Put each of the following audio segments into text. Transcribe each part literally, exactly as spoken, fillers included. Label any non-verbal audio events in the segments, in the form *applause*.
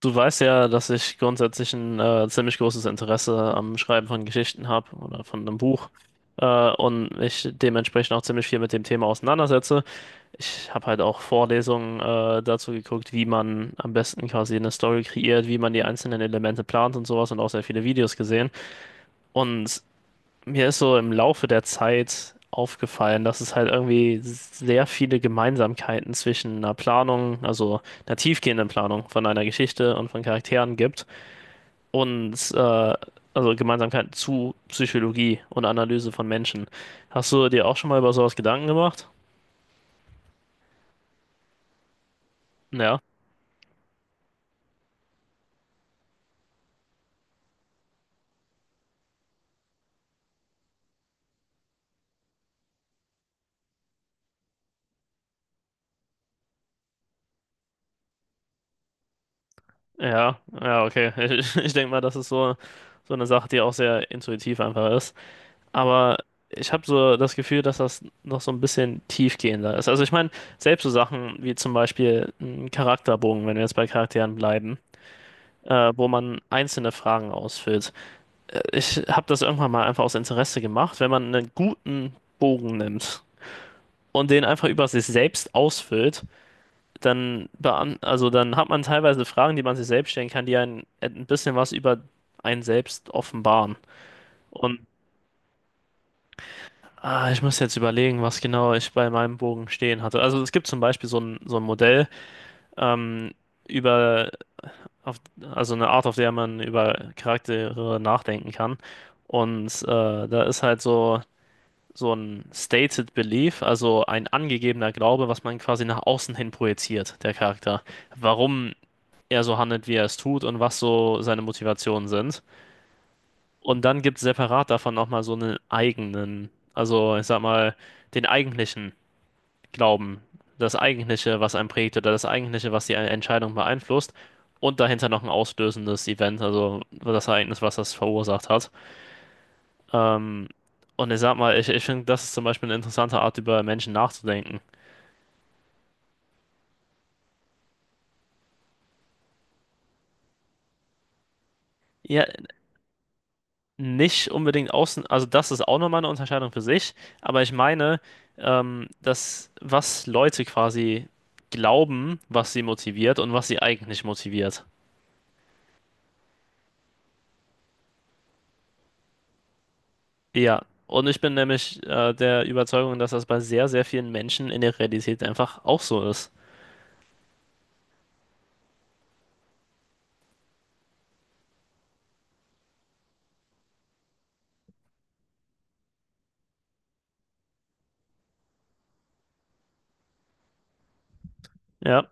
Du weißt ja, dass ich grundsätzlich ein äh, ziemlich großes Interesse am Schreiben von Geschichten habe oder von einem Buch äh, und mich dementsprechend auch ziemlich viel mit dem Thema auseinandersetze. Ich habe halt auch Vorlesungen äh, dazu geguckt, wie man am besten quasi eine Story kreiert, wie man die einzelnen Elemente plant und sowas, und auch sehr viele Videos gesehen. Und mir ist so im Laufe der Zeit aufgefallen, dass es halt irgendwie sehr viele Gemeinsamkeiten zwischen einer Planung, also einer tiefgehenden Planung von einer Geschichte und von Charakteren gibt und äh, also Gemeinsamkeiten zu Psychologie und Analyse von Menschen. Hast du dir auch schon mal über sowas Gedanken gemacht? Ja, ja, ja, okay. *laughs* Ich, ich denke mal, das ist so, so eine Sache, die auch sehr intuitiv einfach ist. Aber ich habe so das Gefühl, dass das noch so ein bisschen tiefgehender ist. Also ich meine, selbst so Sachen wie zum Beispiel ein Charakterbogen, wenn wir jetzt bei Charakteren bleiben, äh, wo man einzelne Fragen ausfüllt. Ich habe das irgendwann mal einfach aus Interesse gemacht: wenn man einen guten Bogen nimmt und den einfach über sich selbst ausfüllt, dann, beant also dann hat man teilweise Fragen, die man sich selbst stellen kann, die einen ein bisschen was über einen selbst offenbaren. Und ah, ich muss jetzt überlegen, was genau ich bei meinem Bogen stehen hatte. Also es gibt zum Beispiel so ein, so ein Modell ähm, über, auf, also eine Art, auf der man über Charaktere nachdenken kann. Und äh, da ist halt so so ein stated belief, also ein angegebener Glaube, was man quasi nach außen hin projiziert, der Charakter. Warum er so handelt, wie er es tut, und was so seine Motivationen sind. Und dann gibt es separat davon nochmal so einen eigenen, also ich sag mal, den eigentlichen Glauben, das eigentliche, was einen prägt, oder das eigentliche, was die Entscheidung beeinflusst. Und dahinter noch ein auslösendes Event, also das Ereignis, was das verursacht hat. Ähm, und ich sag mal, ich, ich finde, das ist zum Beispiel eine interessante Art, über Menschen nachzudenken. Ja, nicht unbedingt außen, also das ist auch nochmal eine Unterscheidung für sich, aber ich meine, ähm, dass, was Leute quasi glauben, was sie motiviert, und was sie eigentlich motiviert. Ja, und ich bin nämlich äh, der Überzeugung, dass das bei sehr, sehr vielen Menschen in der Realität einfach auch so ist. Ja,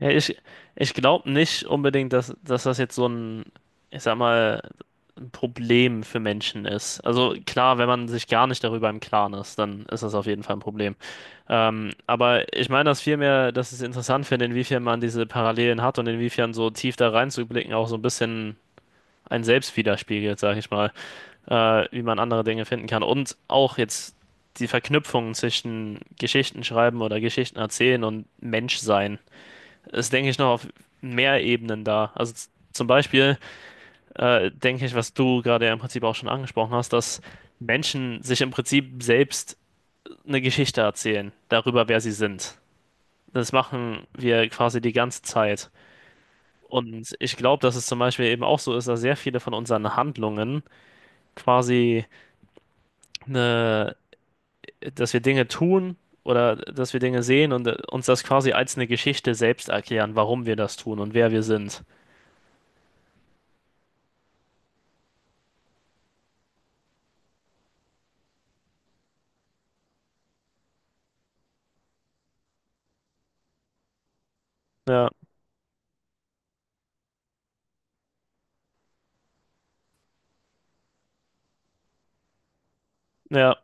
ja ich, ich glaube nicht unbedingt, dass, dass das jetzt so ein, ich sag mal, Problem für Menschen ist. Also klar, wenn man sich gar nicht darüber im Klaren ist, dann ist das auf jeden Fall ein Problem. Ähm, aber ich meine das vielmehr, dass ich es interessant finde, inwiefern man diese Parallelen hat, und inwiefern so tief da reinzublicken auch so ein bisschen ein Selbst widerspiegelt, sage ich mal, äh, wie man andere Dinge finden kann. Und auch jetzt die Verknüpfungen zwischen Geschichten schreiben oder Geschichten erzählen und Menschsein ist, denke ich, noch auf mehr Ebenen da. Also z- zum Beispiel äh, denke ich, was du gerade ja im Prinzip auch schon angesprochen hast, dass Menschen sich im Prinzip selbst eine Geschichte erzählen darüber, wer sie sind. Das machen wir quasi die ganze Zeit. Und ich glaube, dass es zum Beispiel eben auch so ist, dass sehr viele von unseren Handlungen quasi eine, dass wir Dinge tun oder dass wir Dinge sehen und äh, uns das quasi als eine Geschichte selbst erklären, warum wir das tun und wer wir sind. Ja, ja,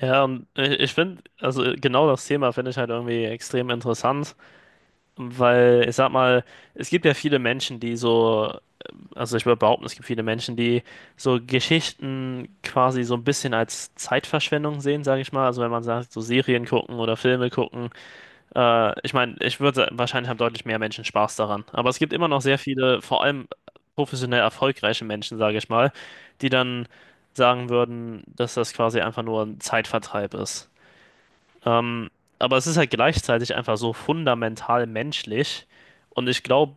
ja, und ich, ich finde, also äh, genau das Thema finde ich halt irgendwie extrem interessant. Weil, ich sag mal, es gibt ja viele Menschen, die so, ähm, also ich würde behaupten, es gibt viele Menschen, die so Geschichten quasi so ein bisschen als Zeitverschwendung sehen, sage ich mal. Also wenn man sagt, so Serien gucken oder Filme gucken. Äh, ich meine, ich würde wahrscheinlich haben deutlich mehr Menschen Spaß daran. Aber es gibt immer noch sehr viele, vor allem professionell erfolgreiche Menschen, sage ich mal, die dann sagen würden, dass das quasi einfach nur ein Zeitvertreib ist. Ähm, aber es ist halt gleichzeitig einfach so fundamental menschlich. Und ich glaube,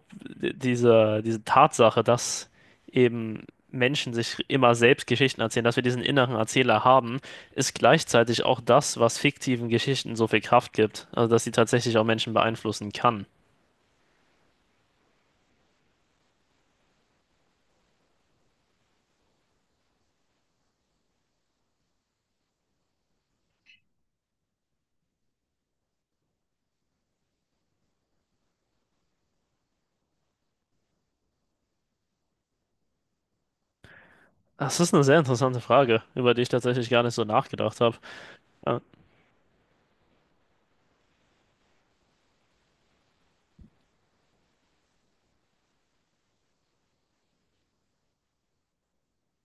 diese, diese Tatsache, dass eben Menschen sich immer selbst Geschichten erzählen, dass wir diesen inneren Erzähler haben, ist gleichzeitig auch das, was fiktiven Geschichten so viel Kraft gibt. Also, dass sie tatsächlich auch Menschen beeinflussen kann. Das ist eine sehr interessante Frage, über die ich tatsächlich gar nicht so nachgedacht habe.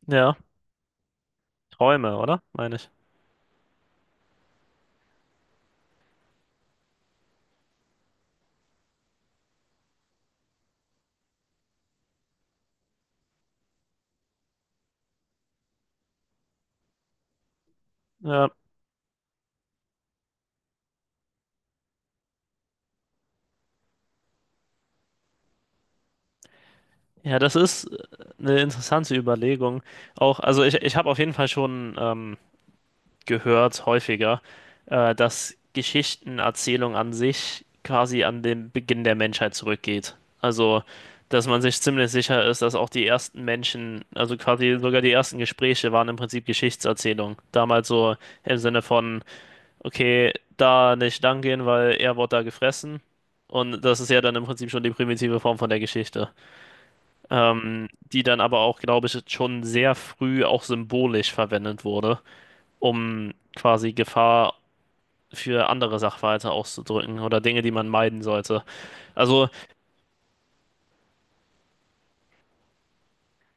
Ja, Träume, oder? Meine ich. Ja. Ja, das ist äh, eine interessante Überlegung. Auch, also ich, ich habe auf jeden Fall schon ähm, gehört, häufiger, äh, dass Geschichtenerzählung an sich quasi an den Beginn der Menschheit zurückgeht. Also, dass man sich ziemlich sicher ist, dass auch die ersten Menschen, also quasi sogar die ersten Gespräche waren im Prinzip Geschichtserzählung. Damals so im Sinne von, okay, da nicht lang gehen, weil er wurde da gefressen. Und das ist ja dann im Prinzip schon die primitive Form von der Geschichte ähm, die dann aber auch, glaube ich, schon sehr früh auch symbolisch verwendet wurde, um quasi Gefahr für andere Sachverhalte auszudrücken oder Dinge, die man meiden sollte. Also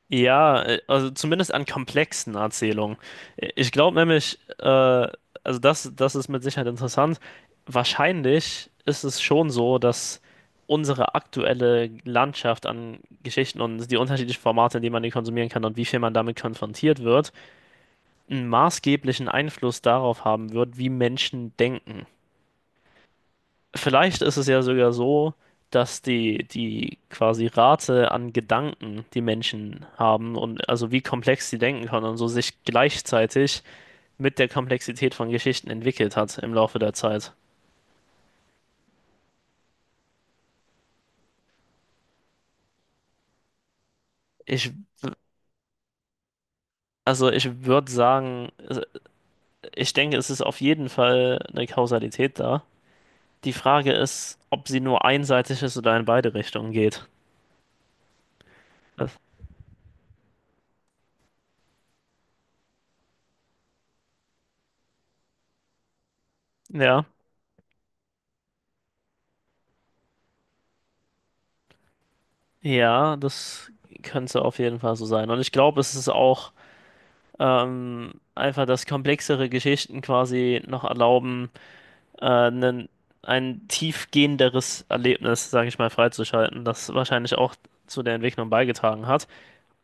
ja, äh, also zumindest an komplexen Erzählungen. Äh, Ich glaube nämlich, äh, also das, das ist mit Sicherheit interessant. Wahrscheinlich ist es schon so, dass unsere aktuelle Landschaft an Geschichten und die unterschiedlichen Formate, in denen man die konsumieren kann und wie viel man damit konfrontiert wird, einen maßgeblichen Einfluss darauf haben wird, wie Menschen denken. Vielleicht ist es ja sogar so, dass die, die quasi Rate an Gedanken, die Menschen haben und also wie komplex sie denken können und so, sich gleichzeitig mit der Komplexität von Geschichten entwickelt hat im Laufe der Zeit. Ich, also ich würde sagen, also ich denke, es ist auf jeden Fall eine Kausalität da. Die Frage ist, ob sie nur einseitig ist oder in beide Richtungen geht. Ja. Ja, das könnte auf jeden Fall so sein. Und ich glaube, es ist auch ähm, einfach, dass komplexere Geschichten quasi noch erlauben, äh, nen- ein tiefgehenderes Erlebnis, sage ich mal, freizuschalten, das wahrscheinlich auch zu der Entwicklung beigetragen hat.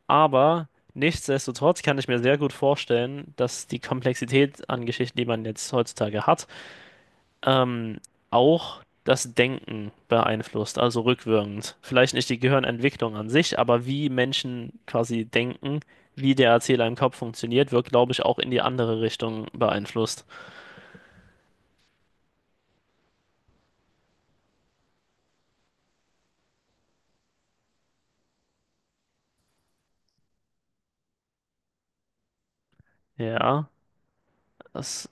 Aber nichtsdestotrotz kann ich mir sehr gut vorstellen, dass die Komplexität an Geschichten, die man jetzt heutzutage hat, ähm, auch das Denken beeinflusst, also rückwirkend. Vielleicht nicht die Gehirnentwicklung an sich, aber wie Menschen quasi denken, wie der Erzähler im Kopf funktioniert, wird, glaube ich, auch in die andere Richtung beeinflusst. Ja, das,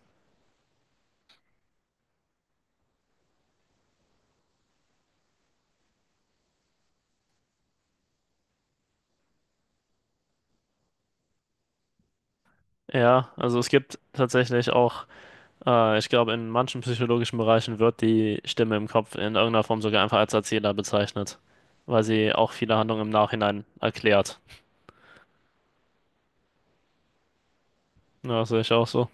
ja, also es gibt tatsächlich auch, äh, ich glaube, in manchen psychologischen Bereichen wird die Stimme im Kopf in irgendeiner Form sogar einfach als Erzähler bezeichnet, weil sie auch viele Handlungen im Nachhinein erklärt. Ja, das sehe ich auch so.